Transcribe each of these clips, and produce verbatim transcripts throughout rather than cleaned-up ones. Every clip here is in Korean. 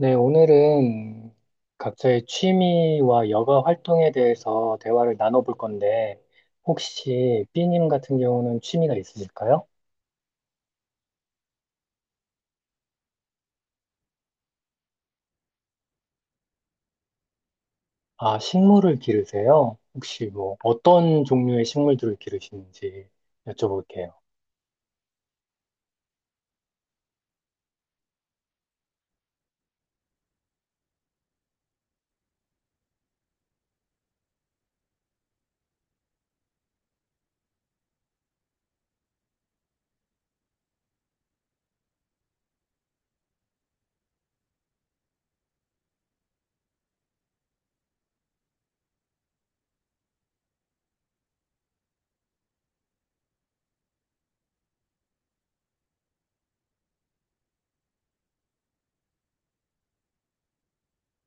네, 오늘은 각자의 취미와 여가 활동에 대해서 대화를 나눠볼 건데, 혹시 B님 같은 경우는 취미가 있으실까요? 아, 식물을 기르세요? 혹시 뭐 어떤 종류의 식물들을 기르시는지 여쭤볼게요.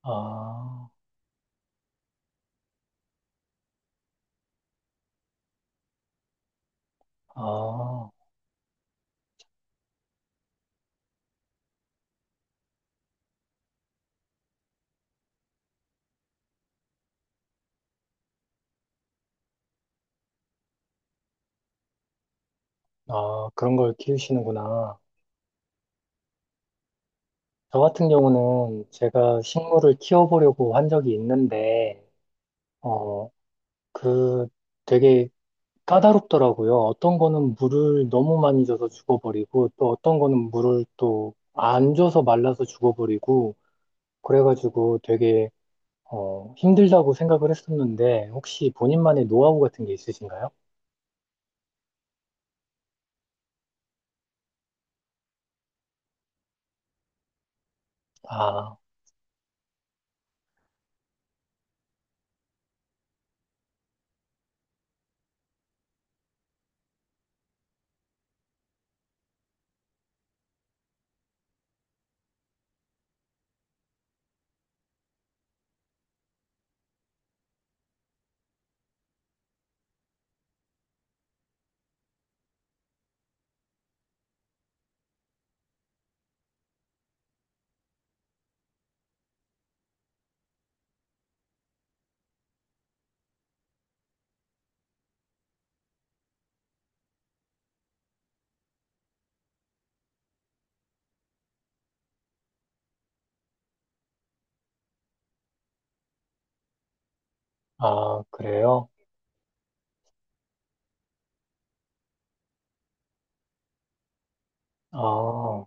아, 아, 아, 그런 걸 키우시는구나. 저 같은 경우는 제가 식물을 키워보려고 한 적이 있는데, 어, 그 되게 까다롭더라고요. 어떤 거는 물을 너무 많이 줘서 죽어버리고, 또 어떤 거는 물을 또 안 줘서 말라서 죽어버리고, 그래가지고 되게, 어, 힘들다고 생각을 했었는데, 혹시 본인만의 노하우 같은 게 있으신가요? 아, 아, 그래요? 아,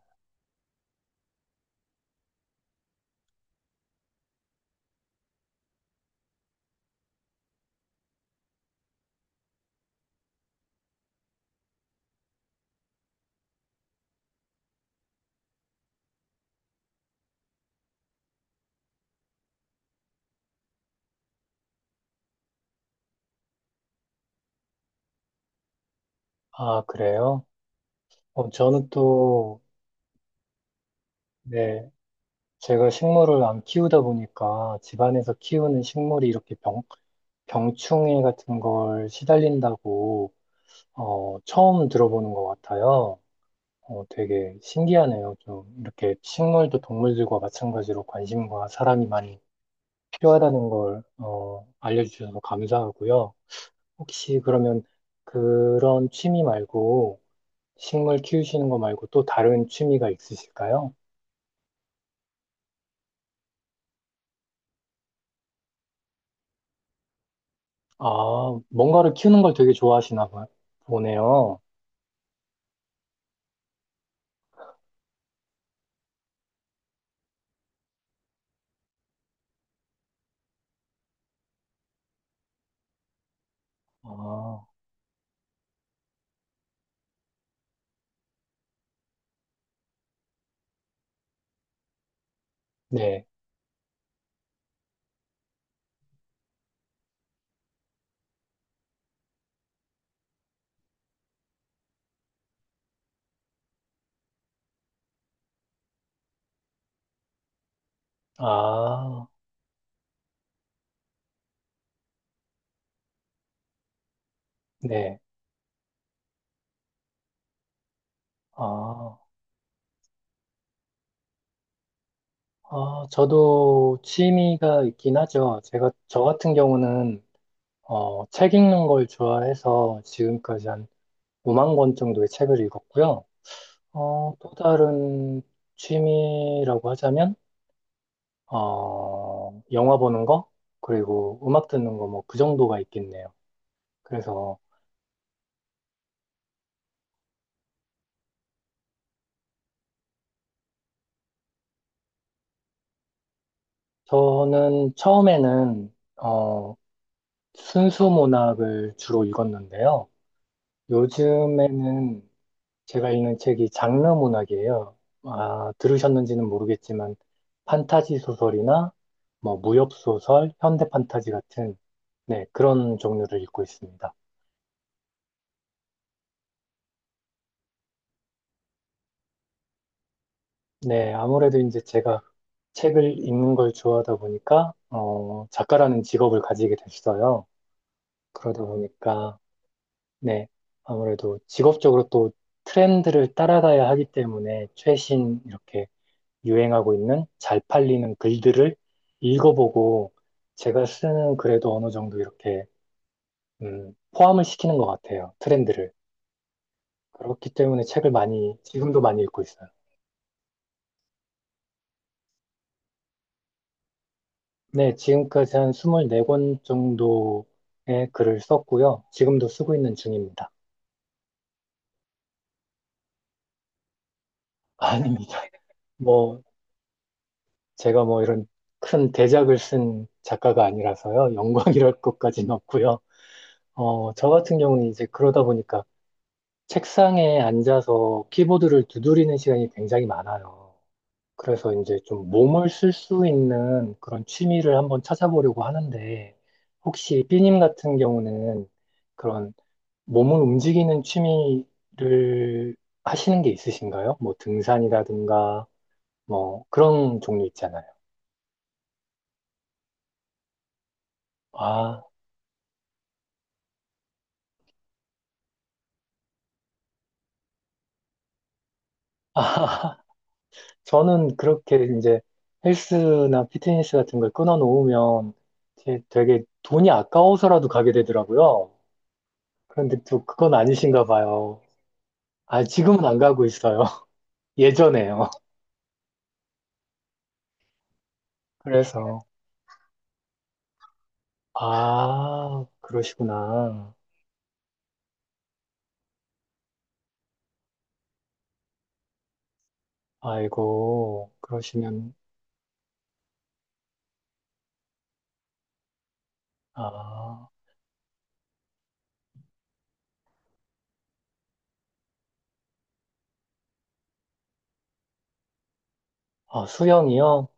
아, 그래요? 어, 저는 또, 네, 제가 식물을 안 키우다 보니까 집안에서 키우는 식물이 이렇게 병, 병충해 같은 걸 시달린다고 어, 처음 들어보는 것 같아요. 어, 되게 신기하네요. 좀 이렇게 식물도 동물들과 마찬가지로 관심과 사람이 많이 필요하다는 걸 어, 알려주셔서 감사하고요. 혹시 그러면 그런 취미 말고 식물 키우시는 거 말고 또 다른 취미가 있으실까요? 아, 뭔가를 키우는 걸 되게 좋아하시나 봐- 보네요. 아, 네. 아, 네. 아. 어, 저도 취미가 있긴 하죠. 제가, 저 같은 경우는, 어, 책 읽는 걸 좋아해서 지금까지 한 오만 권 정도의 책을 읽었고요. 어, 또 다른 취미라고 하자면, 어, 영화 보는 거, 그리고 음악 듣는 거, 뭐, 그 정도가 있겠네요. 그래서 저는 처음에는, 어, 순수 문학을 주로 읽었는데요. 요즘에는 제가 읽는 책이 장르 문학이에요. 아, 들으셨는지는 모르겠지만, 판타지 소설이나, 뭐, 무협 소설, 현대 판타지 같은, 네, 그런 종류를 읽고 있습니다. 네, 아무래도 이제 제가 책을 읽는 걸 좋아하다 보니까, 어, 작가라는 직업을 가지게 됐어요. 그러다 보니까, 네, 아무래도 직업적으로 또 트렌드를 따라가야 하기 때문에 최신, 이렇게 유행하고 있는 잘 팔리는 글들을 읽어보고 제가 쓰는 글에도 어느 정도 이렇게 음, 포함을 시키는 것 같아요. 트렌드를. 그렇기 때문에 책을 많이, 지금도 많이 읽고 있어요. 네, 지금까지 한 이십사 권 정도의 글을 썼고요. 지금도 쓰고 있는 중입니다. 아닙니다. 뭐, 제가 뭐 이런 큰 대작을 쓴 작가가 아니라서요. 영광이랄 것까지는 없고요. 어, 저 같은 경우는 이제 그러다 보니까 책상에 앉아서 키보드를 두드리는 시간이 굉장히 많아요. 그래서 이제 좀 몸을 쓸 수 있는 그런 취미를 한번 찾아보려고 하는데, 혹시 삐님 같은 경우는 그런 몸을 움직이는 취미를 하시는 게 있으신가요? 뭐 등산이라든가, 뭐 그런 종류 있잖아요. 아, 아, 저는 그렇게 이제 헬스나 피트니스 같은 걸 끊어 놓으면 되게 돈이 아까워서라도 가게 되더라고요. 그런데 또 그건 아니신가 봐요. 아, 지금은 안 가고 있어요. 예전에요. 그래서, 아, 그러시구나. 아이고, 그러시면, 아, 아, 수영이요?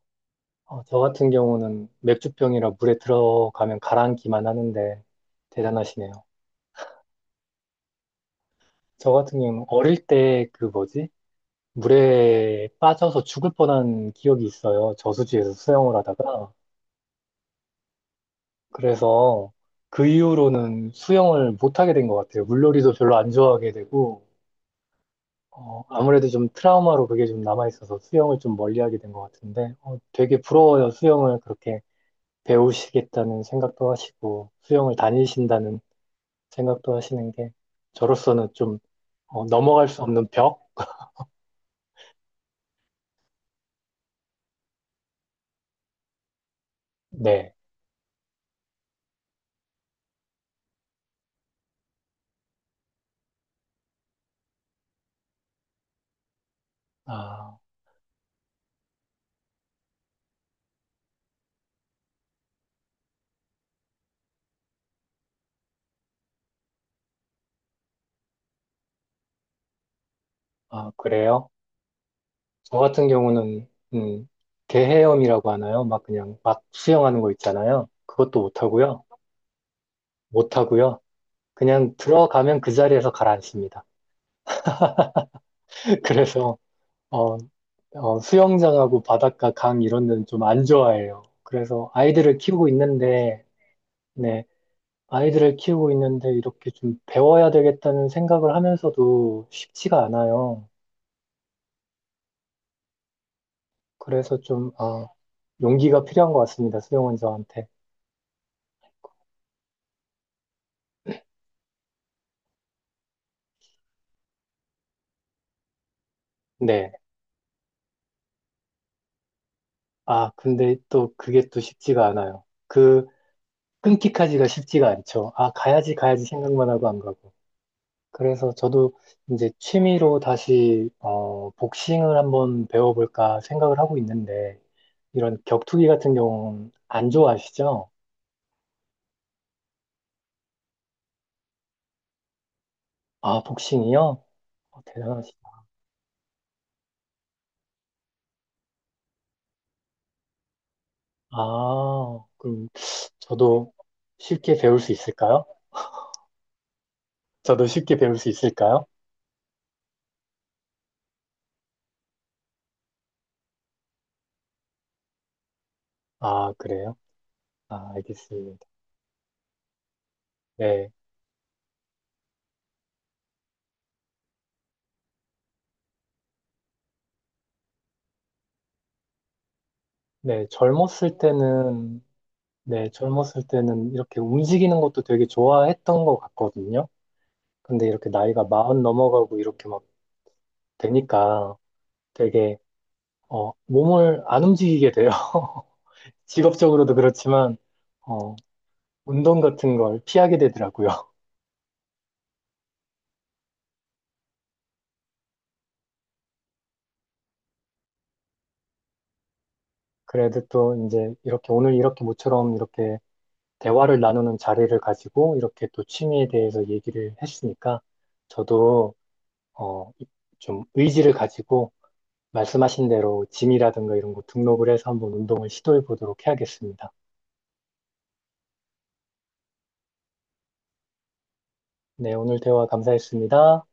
어, 저 같은 경우는 맥주병이라 물에 들어가면 가라앉기만 하는데 대단하시네요. 저 같은 경우는 어릴 때 그 뭐지? 물에 빠져서 죽을 뻔한 기억이 있어요. 저수지에서 수영을 하다가. 그래서 그 이후로는 수영을 못하게 된 것 같아요. 물놀이도 별로 안 좋아하게 되고, 어, 아무래도 좀 트라우마로 그게 좀 남아있어서 수영을 좀 멀리하게 된 것 같은데, 어, 되게 부러워요. 수영을 그렇게 배우시겠다는 생각도 하시고, 수영을 다니신다는 생각도 하시는 게, 저로서는 좀 어, 넘어갈 수 없는 벽? 네. 아, 아, 그래요? 저 같은 경우는, 음, 개헤엄이라고 하나요? 막 그냥 막 수영하는 거 있잖아요. 그것도 못하고요. 못하고요. 그냥 들어가면 그 자리에서 가라앉습니다. 그래서 어, 어, 수영장하고 바닷가, 강 이런 데는 좀 안 좋아해요. 그래서 아이들을 키우고 있는데, 네, 아이들을 키우고 있는데 이렇게 좀 배워야 되겠다는 생각을 하면서도 쉽지가 않아요. 그래서 좀, 아, 용기가 필요한 것 같습니다. 수영원 저한테. 네. 아, 근데 또 그게 또 쉽지가 않아요. 그 끊기까지가 쉽지가 않죠. 아, 가야지, 가야지 생각만 하고 안 가고. 그래서 저도 이제 취미로 다시 어, 복싱을 한번 배워볼까 생각을 하고 있는데 이런 격투기 같은 경우는 안 좋아하시죠? 아, 복싱이요? 어, 대단하시다. 아, 그럼 저도 쉽게 배울 수 있을까요? 저도 쉽게 배울 수 있을까요? 아, 그래요? 아, 알겠습니다. 네. 네, 젊었을 때는, 네, 젊었을 때는 이렇게 움직이는 것도 되게 좋아했던 것 같거든요. 근데 이렇게 나이가 마흔 넘어가고 이렇게 막 되니까 되게 어, 몸을 안 움직이게 돼요. 직업적으로도 그렇지만 어, 운동 같은 걸 피하게 되더라고요. 그래도 또 이제 이렇게 오늘 이렇게 모처럼 이렇게 대화를 나누는 자리를 가지고 이렇게 또 취미에 대해서 얘기를 했으니까 저도 어, 좀 의지를 가지고 말씀하신 대로 짐이라든가 이런 거 등록을 해서 한번 운동을 시도해 보도록 해야겠습니다. 네, 오늘 대화 감사했습니다.